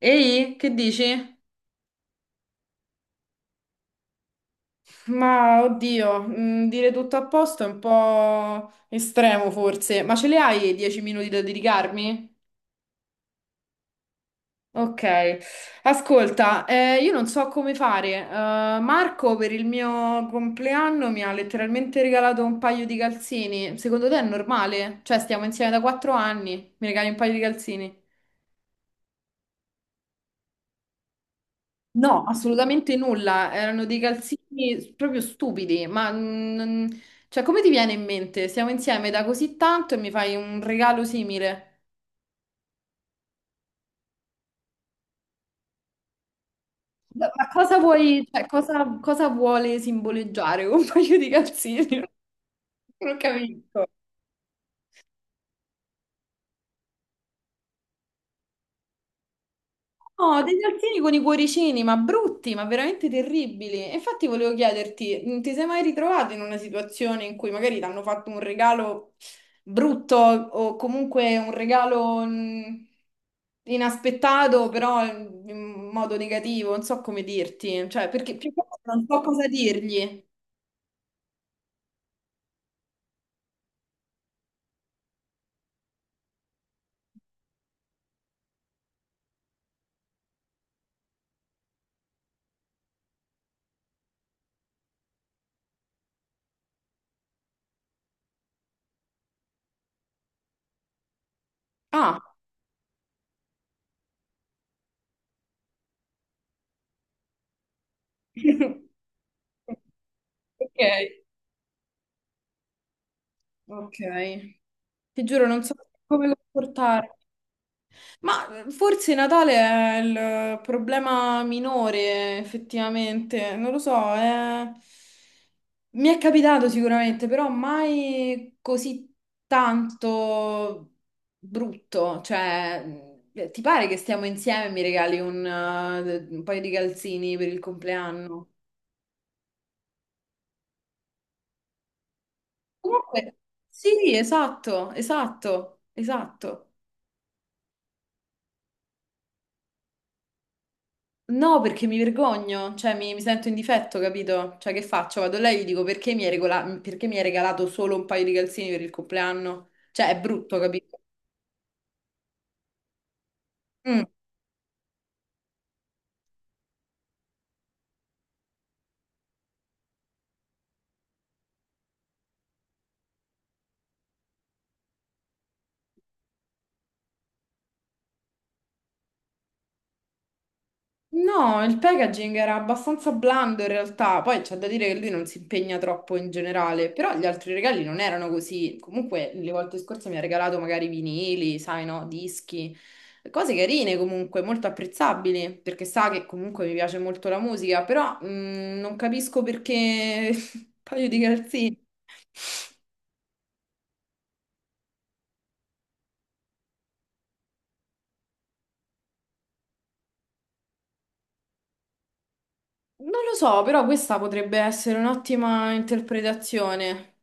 Ehi, che dici? Ma oddio, dire tutto a posto è un po' estremo forse, ma ce le hai 10 minuti da dedicarmi? Ok, ascolta, io non so come fare. Marco per il mio compleanno mi ha letteralmente regalato un paio di calzini. Secondo te è normale? Cioè, stiamo insieme da 4 anni, mi regali un paio di calzini? No, assolutamente nulla, erano dei calzini proprio stupidi, ma cioè, come ti viene in mente? Siamo insieme da così tanto e mi fai un regalo simile. Ma cosa vuoi, cioè, cosa vuole simboleggiare un paio di calzini? Non capisco. Oh, dei salsini con i cuoricini, ma brutti, ma veramente terribili. E infatti volevo chiederti, ti sei mai ritrovato in una situazione in cui magari ti hanno fatto un regalo brutto o comunque un regalo inaspettato, però in modo negativo, non so come dirti, cioè perché più che altro non so cosa dirgli. Ah. Ok, ok. Ti giuro, non so come comportarmi. Ma forse Natale è il problema minore, effettivamente, non lo so, è- mi è capitato sicuramente, però mai così tanto brutto, cioè ti pare che stiamo insieme e mi regali un paio di calzini per il compleanno? Comunque, sì, esatto, esatto, esatto. No, perché mi vergogno, cioè mi sento in difetto, capito? Cioè che faccio? Vado là e gli dico perché mi hai regola- perché mi hai regalato solo un paio di calzini per il compleanno? Cioè è brutto, capito? Mm. No, il packaging era abbastanza blando in realtà, poi c'è da dire che lui non si impegna troppo in generale, però gli altri regali non erano così. Comunque le volte scorse mi ha regalato magari vinili, sai no, dischi, cose carine comunque, molto apprezzabili, perché sa che comunque mi piace molto la musica, però non capisco perché un paio di calzini. Non lo so, però questa potrebbe essere un'ottima interpretazione.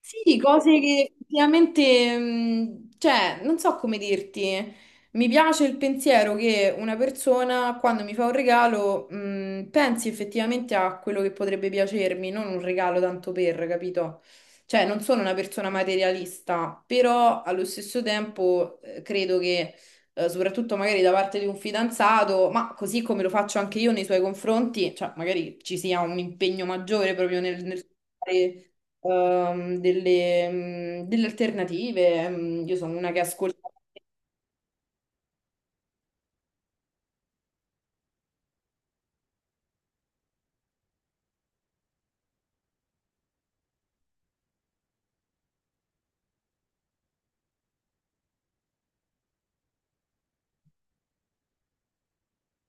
Sì, cose che effettivamente, cioè, non so come dirti, mi piace il pensiero che una persona quando mi fa un regalo, pensi effettivamente a quello che potrebbe piacermi, non un regalo tanto per, capito? Cioè, non sono una persona materialista, però allo stesso tempo credo che, soprattutto magari da parte di un fidanzato, ma così come lo faccio anche io nei suoi confronti, cioè, magari ci sia un impegno maggiore proprio nel fare ehm, delle, delle alternative. Io sono una che ascolta.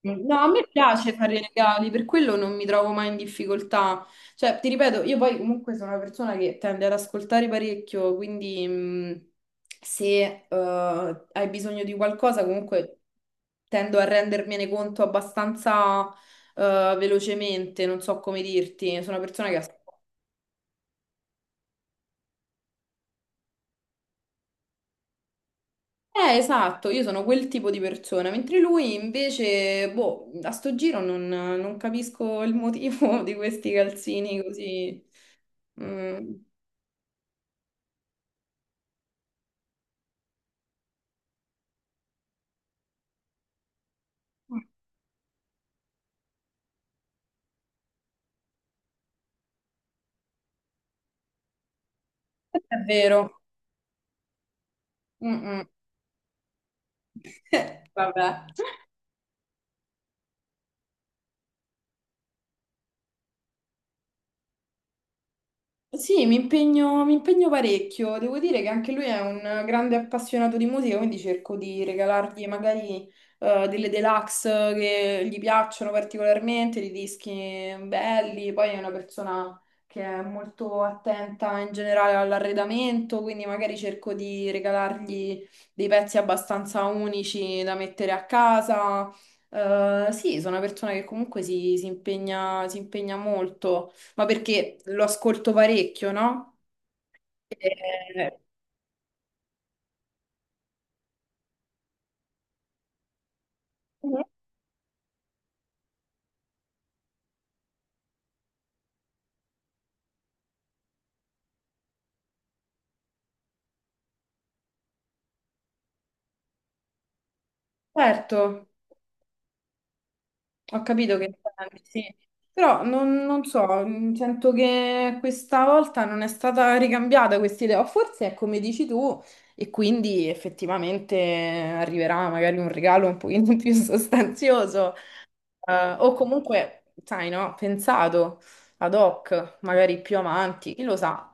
No, a me piace fare i regali, per quello non mi trovo mai in difficoltà. Cioè, ti ripeto, io poi comunque sono una persona che tende ad ascoltare parecchio, quindi se hai bisogno di qualcosa, comunque tendo a rendermene conto abbastanza velocemente, non so come dirti, sono una persona che ascolta. Esatto, io sono quel tipo di persona, mentre lui invece, boh, a sto giro non capisco il motivo di questi calzini così. Mm. È vero. Mm, mm. Vabbè. Sì, mi impegno parecchio. Devo dire che anche lui è un grande appassionato di musica, quindi cerco di regalargli magari delle deluxe che gli piacciono particolarmente, dei dischi belli. Poi è una persona che è molto attenta in generale all'arredamento, quindi magari cerco di regalargli dei pezzi abbastanza unici da mettere a casa. Sì, sono una persona che comunque si impegna molto ma perché lo ascolto parecchio, no? Eh, certo, ho capito che intendi, sì. Però non so, sento che questa volta non è stata ricambiata questa idea, o forse è come dici tu, e quindi effettivamente arriverà magari un regalo un pochino più sostanzioso, o comunque, sai, no, pensato ad hoc, magari più avanti, chi lo sa.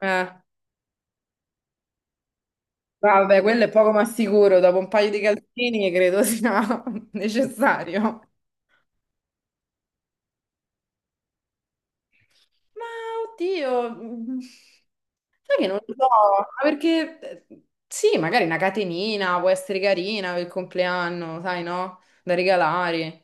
Eh. Ah, vabbè, quello è poco ma sicuro, dopo un paio di calzini credo sia necessario. Ma oddio, sai che non lo so, ma perché sì, magari una catenina può essere carina per il compleanno, sai no? Da regalare.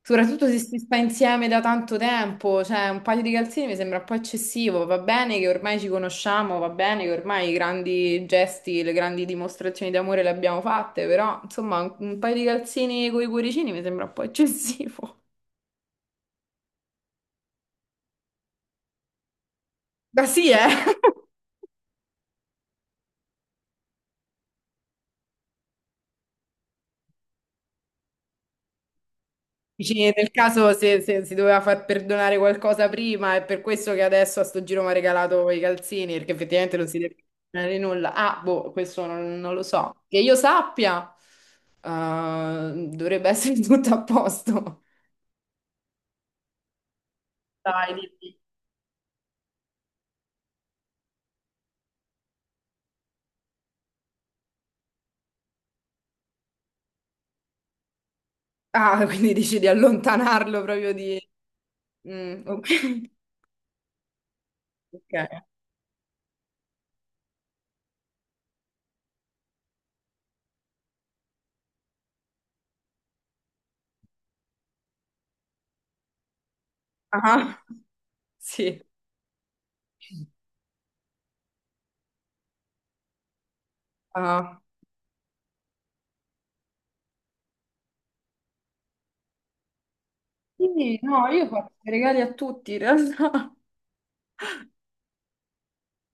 Soprattutto se si sta insieme da tanto tempo, cioè un paio di calzini mi sembra un po' eccessivo, va bene che ormai ci conosciamo, va bene che ormai i grandi gesti, le grandi dimostrazioni d'amore le abbiamo fatte, però insomma un paio di calzini con i cuoricini mi sembra un po' eccessivo. Ma sì, eh? Dici, nel caso se si doveva far perdonare qualcosa prima, è per questo che adesso a sto giro mi ha regalato i calzini, perché effettivamente non si deve perdonare nulla. Ah, boh, questo non lo so. Che io sappia, dovrebbe essere tutto a posto. Dai, dimmi. Ah, quindi dici di allontanarlo proprio di... Mm, ok. Ok. Ah, sì. Ah. Quindi, no, io faccio i regali a tutti in realtà.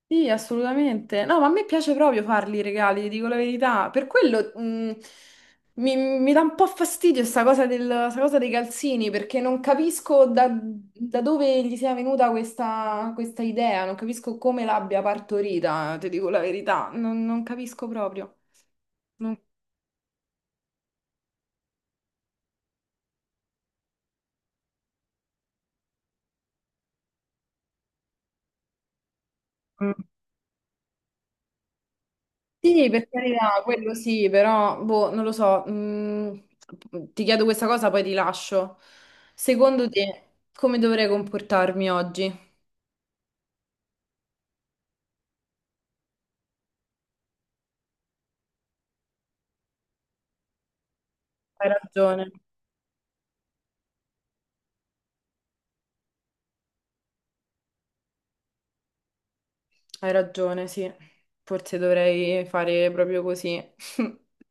Sì, assolutamente. No, ma a me piace proprio farli i regali, ti dico la verità. Per quello mi dà un po' fastidio sta cosa, del- sta cosa dei calzini, perché non capisco da dove gli sia venuta questa idea, non capisco come l'abbia partorita, ti dico la verità. Non capisco proprio. Non- Mm. Sì, per carità, quello sì, però, boh, non lo so. Ti chiedo questa cosa, poi ti lascio. Secondo te, come dovrei comportarmi oggi? Hai ragione, hai ragione, sì. Forse dovrei fare proprio così.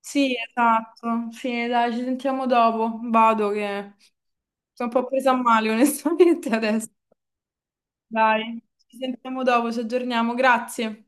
Sì, esatto. Sì, dai, ci sentiamo dopo. Vado che sono un po' presa a male, onestamente, adesso. Dai, ci sentiamo dopo, ci aggiorniamo. Grazie.